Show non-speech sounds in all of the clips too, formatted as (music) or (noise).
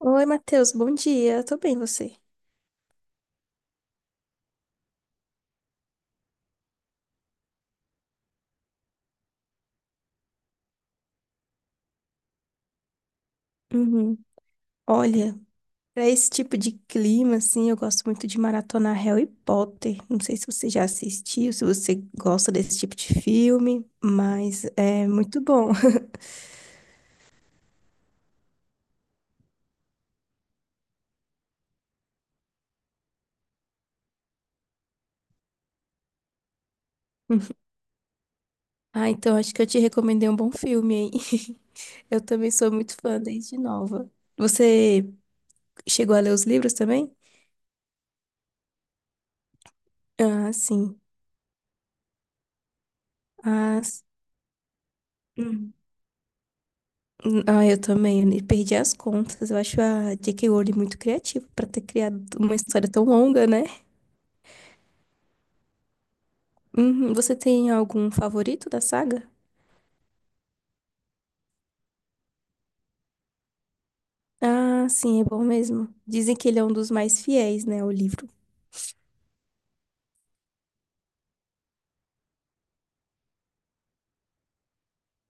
Oi, Matheus, bom dia. Tô bem, você? Uhum. Olha, pra esse tipo de clima, assim, eu gosto muito de maratonar Harry Potter. Não sei se você já assistiu, se você gosta desse tipo de filme, mas é muito bom. (laughs) Ah, então acho que eu te recomendei um bom filme, hein? (laughs) Eu também sou muito fã desde nova. Você chegou a ler os livros também? Ah, sim. Ah, s- Ah, eu também, eu perdi as contas. Eu acho a J.K. Rowling muito criativa pra ter criado uma história tão longa, né? Uhum. Você tem algum favorito da saga? Ah, sim, é bom mesmo. Dizem que ele é um dos mais fiéis, né, ao livro.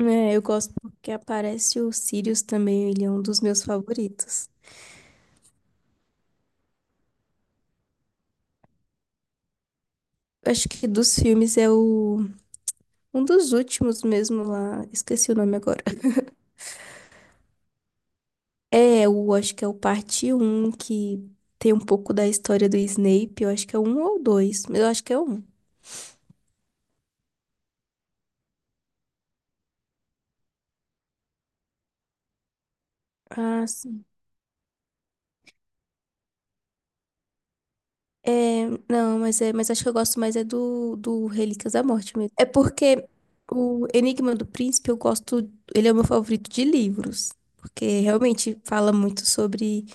É, eu gosto porque aparece o Sirius também, ele é um dos meus favoritos. Acho que dos filmes é o um dos últimos mesmo lá, esqueci o nome agora. É, eu acho que é o parte Um que tem um pouco da história do Snape. Eu acho que é um ou dois, mas eu acho que é um. Ah, sim. É, não, mas é, mas acho que eu gosto mais é do Relíquias da Morte mesmo. É porque o Enigma do Príncipe eu gosto, ele é o meu favorito de livros, porque realmente fala muito sobre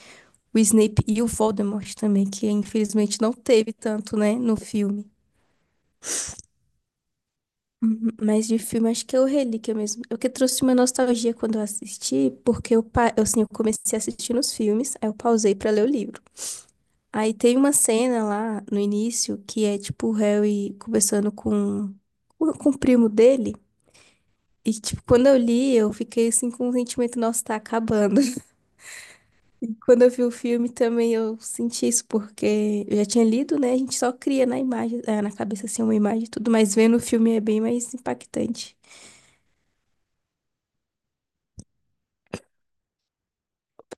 o Snape e o Voldemort também, que infelizmente não teve tanto, né, no filme. Uhum. Mas de filme, acho que é o Relíquia mesmo. Eu que trouxe uma nostalgia quando eu assisti, porque eu, assim, eu comecei a assistir nos filmes, aí eu pausei pra ler o livro. Aí tem uma cena lá no início que é tipo o Harry conversando com o primo dele. E tipo, quando eu li, eu fiquei assim com um sentimento, nossa, tá acabando. (laughs) Quando eu vi o filme também eu senti isso, porque eu já tinha lido, né? A gente só cria na imagem, na cabeça assim uma imagem e tudo, mas vendo o filme é bem mais impactante.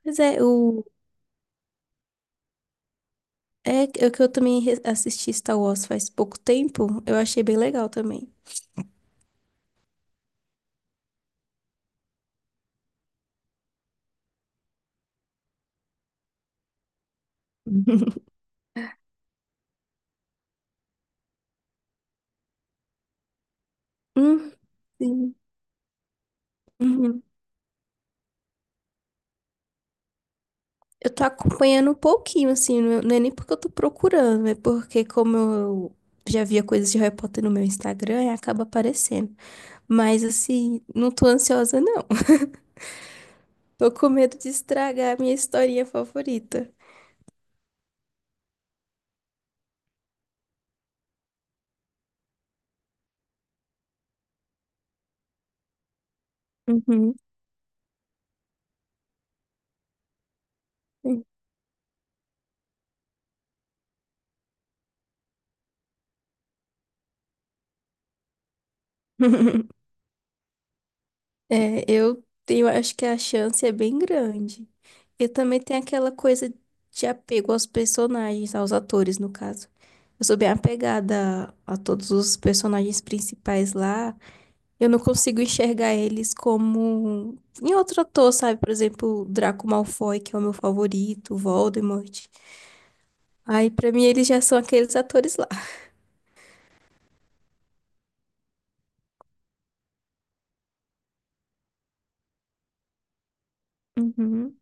Pois é, o É que eu também assisti Star Wars faz pouco tempo, eu achei bem legal também. (laughs) Hum, sim. Uhum. Eu tô acompanhando um pouquinho, assim, não é nem porque eu tô procurando, é porque como eu já via coisas de Harry Potter no meu Instagram, aí acaba aparecendo. Mas, assim, não tô ansiosa, não. (laughs) Tô com medo de estragar a minha historinha favorita. Uhum. (laughs) É, eu, tenho acho que a chance é bem grande. E também tem aquela coisa de apego aos personagens, aos atores, no caso. Eu sou bem apegada a todos os personagens principais lá. Eu não consigo enxergar eles como em outro ator, sabe? Por exemplo, Draco Malfoy, que é o meu favorito, Voldemort. Aí, pra mim, eles já são aqueles atores lá. Uhum,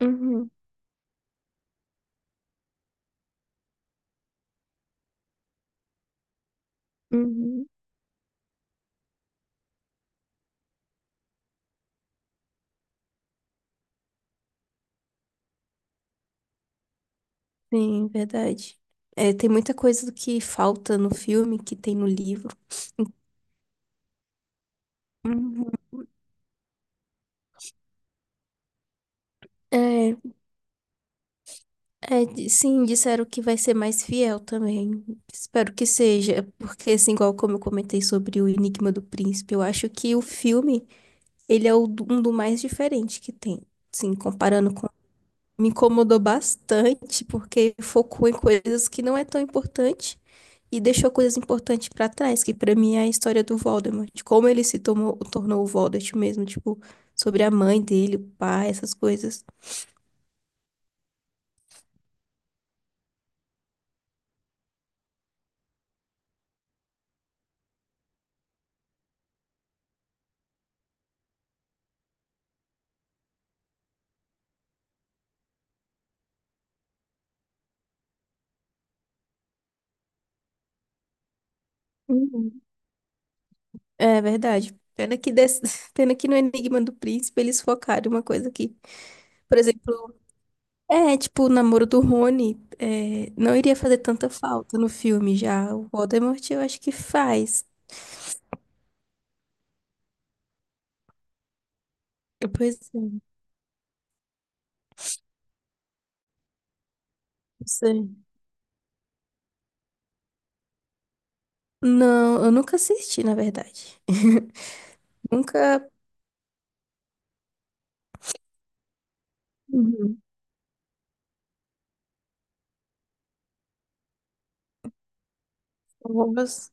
uhum, uhum. Sim, verdade. É, tem muita coisa do que falta no filme que tem no livro. Uhum. É, é, sim, disseram que vai ser mais fiel também. Espero que seja, porque assim, igual como eu comentei sobre o Enigma do Príncipe, eu acho que o filme, ele é um do mais diferente que tem. Sim, comparando me incomodou bastante porque focou em coisas que não é tão importante e deixou coisas importantes pra trás, que pra mim é a história do Voldemort, de como ele se tornou o Voldemort mesmo, tipo, sobre a mãe dele, o pai, essas coisas. Uhum. É verdade. (laughs) Pena que no Enigma do Príncipe eles focaram uma coisa que, por exemplo, é tipo o namoro do Rony, é, não iria fazer tanta falta no filme já. O Voldemort eu acho que faz. Pois é, não sei. Não, eu nunca assisti, na verdade. (laughs) Nunca. Uhum. Novas.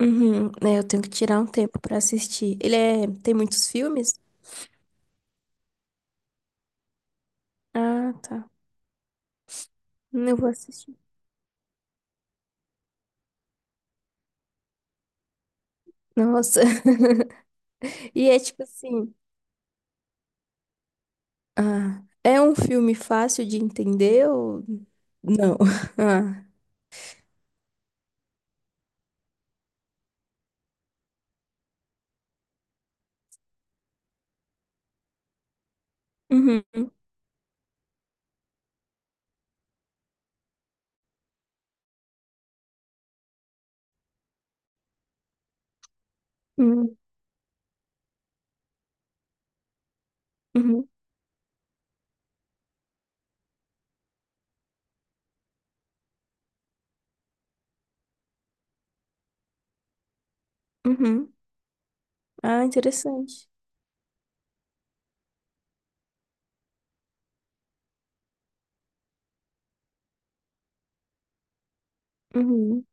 Uhum, né, eu tenho que tirar um tempo pra assistir. Ele é... tem muitos filmes? Ah, tá. Eu vou assistir. Nossa. (laughs) E é tipo assim. Ah, é um filme fácil de entender ou não? (laughs) Ah. Uhum, uhum, uhum, uhum. Ah, interessante. Uhum.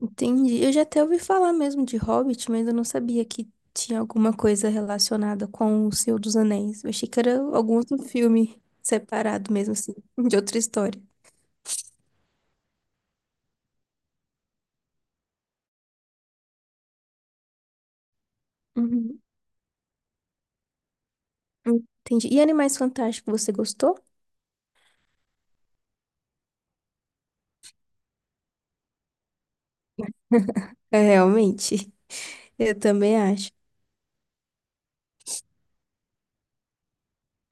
Entendi. Eu já até ouvi falar mesmo de Hobbit, mas eu não sabia que tinha alguma coisa relacionada com o Senhor dos Anéis. Eu achei que era algum outro filme separado mesmo assim, (laughs) de outra história. Uhum. Entendi. E Animais Fantásticos, você gostou? (laughs) É, realmente. Eu também acho.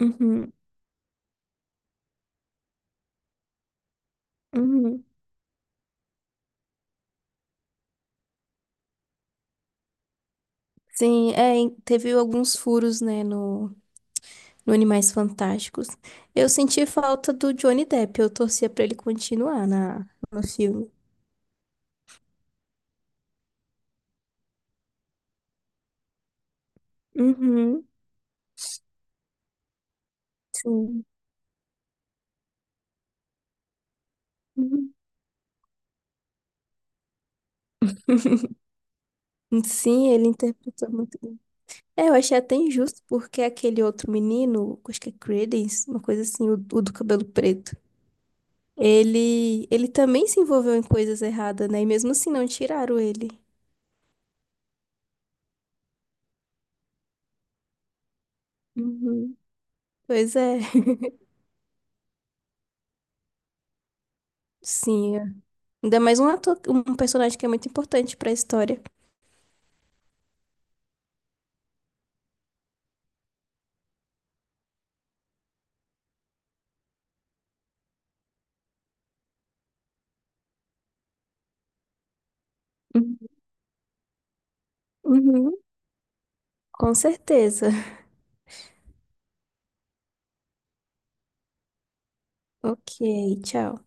Uhum, uhum. Sim, é, teve alguns furos, né, no, no Animais Fantásticos. Eu senti falta do Johnny Depp, eu torcia pra ele continuar na, no filme. Uhum, sim. Uhum. (laughs) Sim, ele interpretou muito bem. É, eu achei até injusto, porque aquele outro menino, acho que é Credence, uma coisa assim, o do cabelo preto, ele também se envolveu em coisas erradas, né? E mesmo assim não tiraram ele. Uhum. Pois é, (laughs) sim. É. Ainda mais um ator, um personagem que é muito importante pra história. Uhum. Uhum. Com certeza. Ok, tchau.